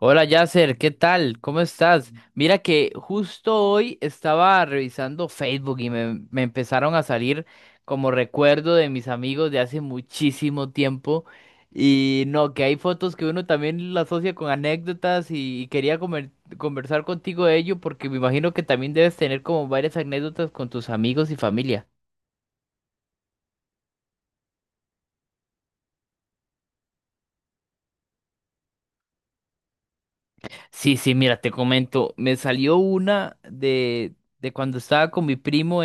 Hola Yasser, ¿qué tal? ¿Cómo estás? Mira que justo hoy estaba revisando Facebook y me empezaron a salir como recuerdo de mis amigos de hace muchísimo tiempo. Y no, que hay fotos que uno también la asocia con anécdotas y quería conversar contigo de ello porque me imagino que también debes tener como varias anécdotas con tus amigos y familia. Sí, sí, mira, te comento, me salió una de cuando estaba con mi primo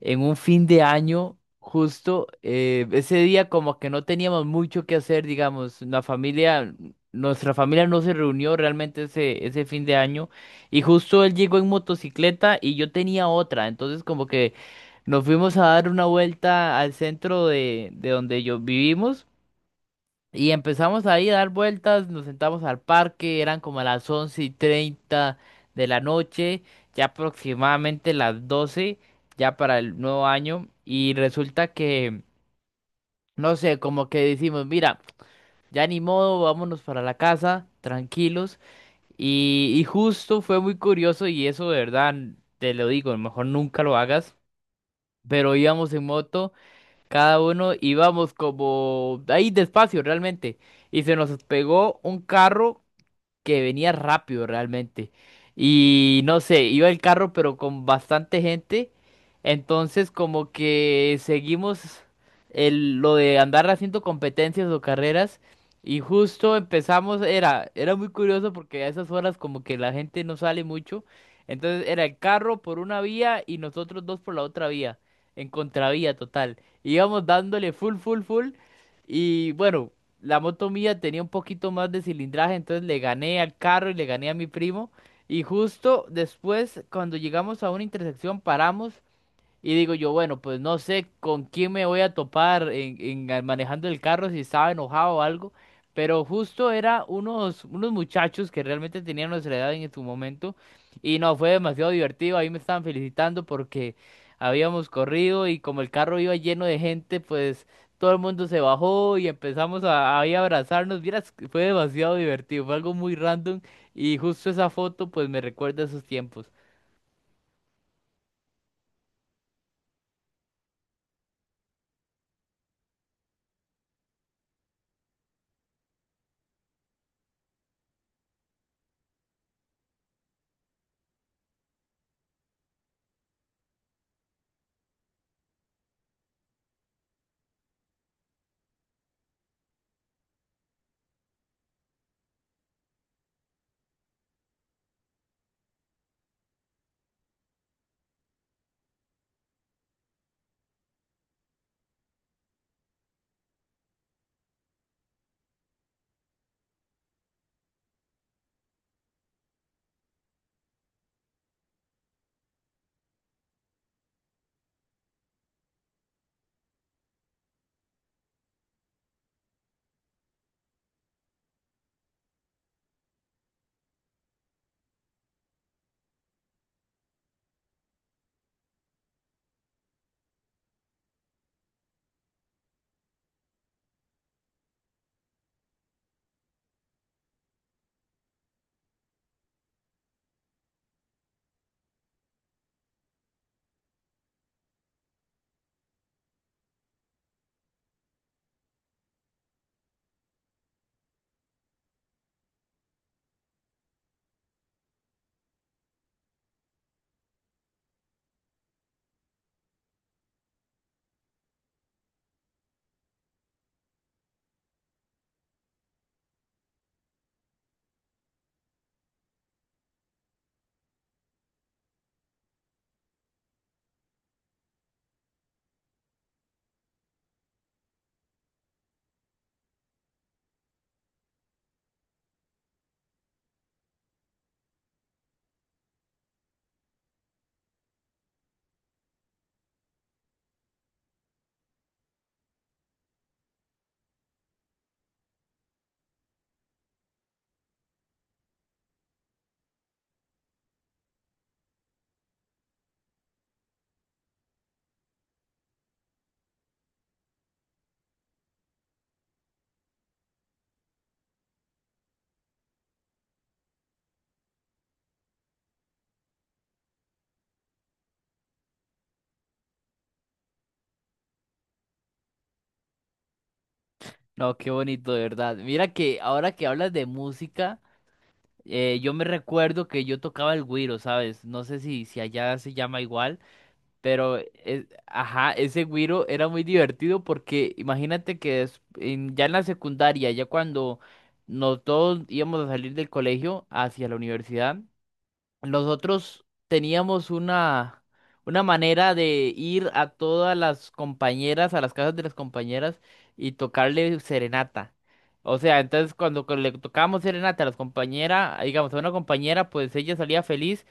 en un fin de año, justo ese día como que no teníamos mucho que hacer, digamos, la familia, nuestra familia no se reunió realmente ese fin de año y justo él llegó en motocicleta y yo tenía otra, entonces como que nos fuimos a dar una vuelta al centro de donde yo vivimos. Y empezamos ahí a dar vueltas, nos sentamos al parque, eran como las 11:30 de la noche, ya aproximadamente las 12 ya para el nuevo año. Y resulta que, no sé, como que decimos, mira, ya ni modo, vámonos para la casa, tranquilos. Y justo fue muy curioso y eso de verdad, te lo digo, mejor nunca lo hagas. Pero íbamos en moto cada uno íbamos como ahí despacio realmente. Y se nos pegó un carro que venía rápido realmente. Y no sé, iba el carro pero con bastante gente. Entonces como que seguimos lo de andar haciendo competencias o carreras. Y justo empezamos, era muy curioso porque a esas horas como que la gente no sale mucho. Entonces era el carro por una vía y nosotros dos por la otra vía, en contravía total. Íbamos dándole full, full, full. Y bueno. La moto mía tenía un poquito más de cilindraje, entonces le gané al carro y le gané a mi primo. Y justo después, cuando llegamos a una intersección, paramos y digo yo, bueno, pues no sé con quién me voy a topar manejando el carro, si estaba enojado o algo, pero justo era unos muchachos que realmente tenían nuestra edad en su momento, y no, fue demasiado divertido, ahí me estaban felicitando porque habíamos corrido y como el carro iba lleno de gente, pues todo el mundo se bajó y empezamos a, ahí a abrazarnos, vieras, que fue demasiado divertido, fue algo muy random, y justo esa foto pues me recuerda a esos tiempos. No, qué bonito, de verdad. Mira que ahora que hablas de música, yo me recuerdo que yo tocaba el güiro, ¿sabes? No sé si allá se llama igual, pero ajá, ese güiro era muy divertido porque imagínate que ya en la secundaria, ya cuando nos todos íbamos a salir del colegio hacia la universidad, nosotros teníamos una manera de ir a todas las compañeras, a las casas de las compañeras y tocarle serenata. O sea, entonces cuando le tocábamos serenata a las compañeras, digamos, a una compañera, pues ella salía feliz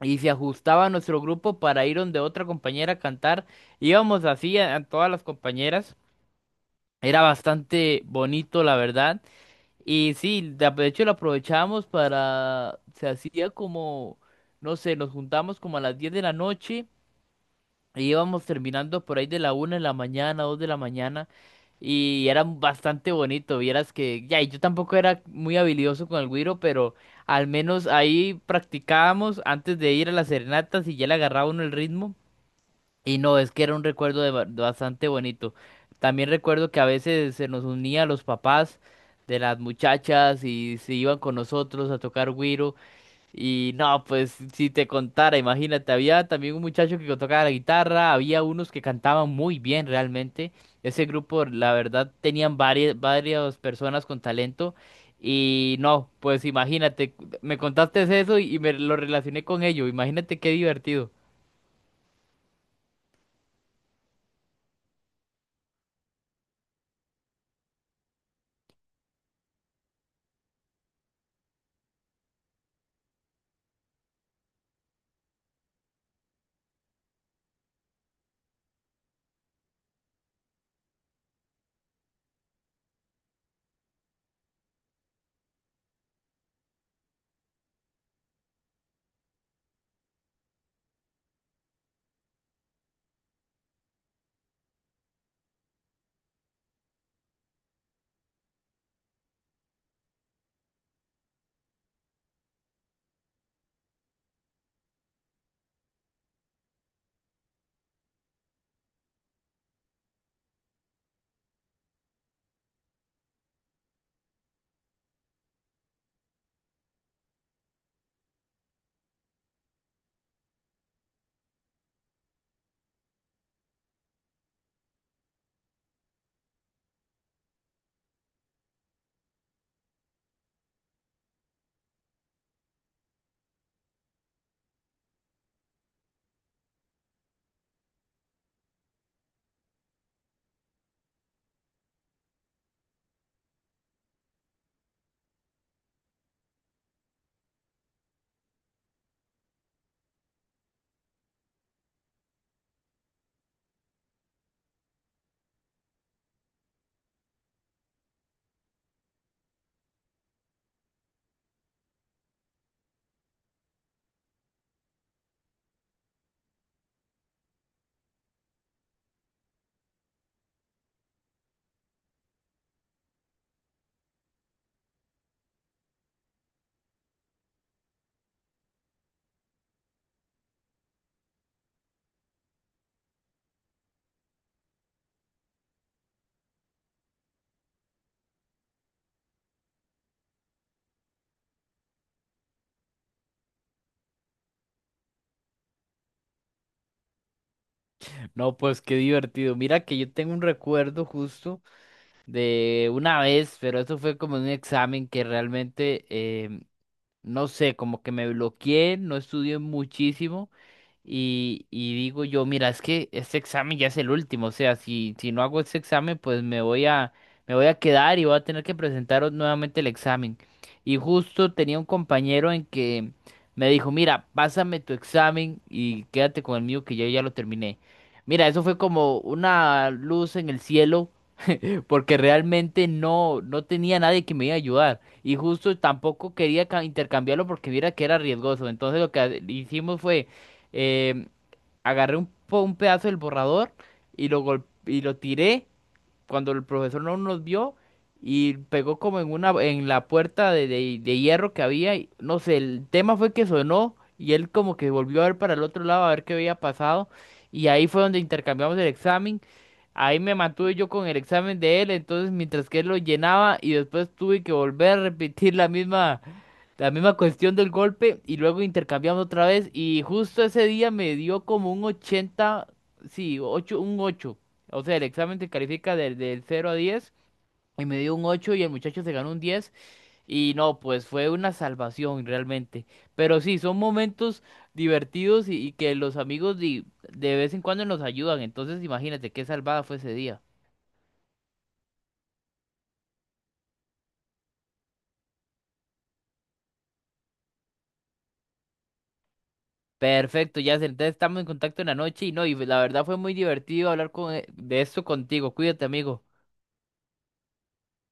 y se ajustaba a nuestro grupo para ir donde otra compañera a cantar. Íbamos así a todas las compañeras. Era bastante bonito, la verdad. Y sí, de hecho lo aprovechamos para, se hacía como, no sé, nos juntamos como a las 10 de la noche y íbamos terminando por ahí de la 1 de la mañana, 2 de la mañana y era bastante bonito, vieras que, ya, y yo tampoco era muy habilidoso con el güiro, pero al menos ahí practicábamos antes de ir a las serenatas y ya le agarraba uno el ritmo y no, es que era un recuerdo de de bastante bonito. También recuerdo que a veces se nos unía los papás de las muchachas y se iban con nosotros a tocar güiro. Y no, pues si te contara, imagínate, había también un muchacho que tocaba la guitarra, había unos que cantaban muy bien realmente. Ese grupo, la verdad, tenían varias personas con talento. Y no, pues imagínate, me contaste eso y me lo relacioné con ello. Imagínate qué divertido. No, pues qué divertido. Mira que yo tengo un recuerdo justo de una vez, pero eso fue como un examen que realmente no sé, como que me bloqueé, no estudié muchísimo y digo yo, mira, es que este examen ya es el último, o sea, si no hago este examen, pues me voy me voy a quedar y voy a tener que presentar nuevamente el examen. Y justo tenía un compañero en que me dijo, mira, pásame tu examen y quédate con el mío que yo ya lo terminé. Mira, eso fue como una luz en el cielo porque realmente no, no tenía nadie que me iba a ayudar. Y justo tampoco quería intercambiarlo porque viera que era riesgoso. Entonces lo que hicimos fue, eh, agarré un pedazo del borrador y lo, y lo tiré cuando el profesor no nos vio y pegó como en una en la puerta de hierro que había y no sé, el tema fue que sonó y él como que volvió a ver para el otro lado a ver qué había pasado y ahí fue donde intercambiamos el examen. Ahí me mantuve yo con el examen de él, entonces mientras que él lo llenaba y después tuve que volver a repetir la misma cuestión del golpe y luego intercambiamos otra vez y justo ese día me dio como un 80, sí, 8, un 8. O sea, el examen te califica del 0 a 10 y me dio un 8 y el muchacho se ganó un 10 y no, pues fue una salvación realmente. Pero sí, son momentos divertidos y que los amigos de, vez en cuando nos ayudan. Entonces, imagínate qué salvada fue ese día. Perfecto, ya entonces estamos en contacto en la noche y no, y la verdad fue muy divertido hablar con, de esto contigo. Cuídate, amigo.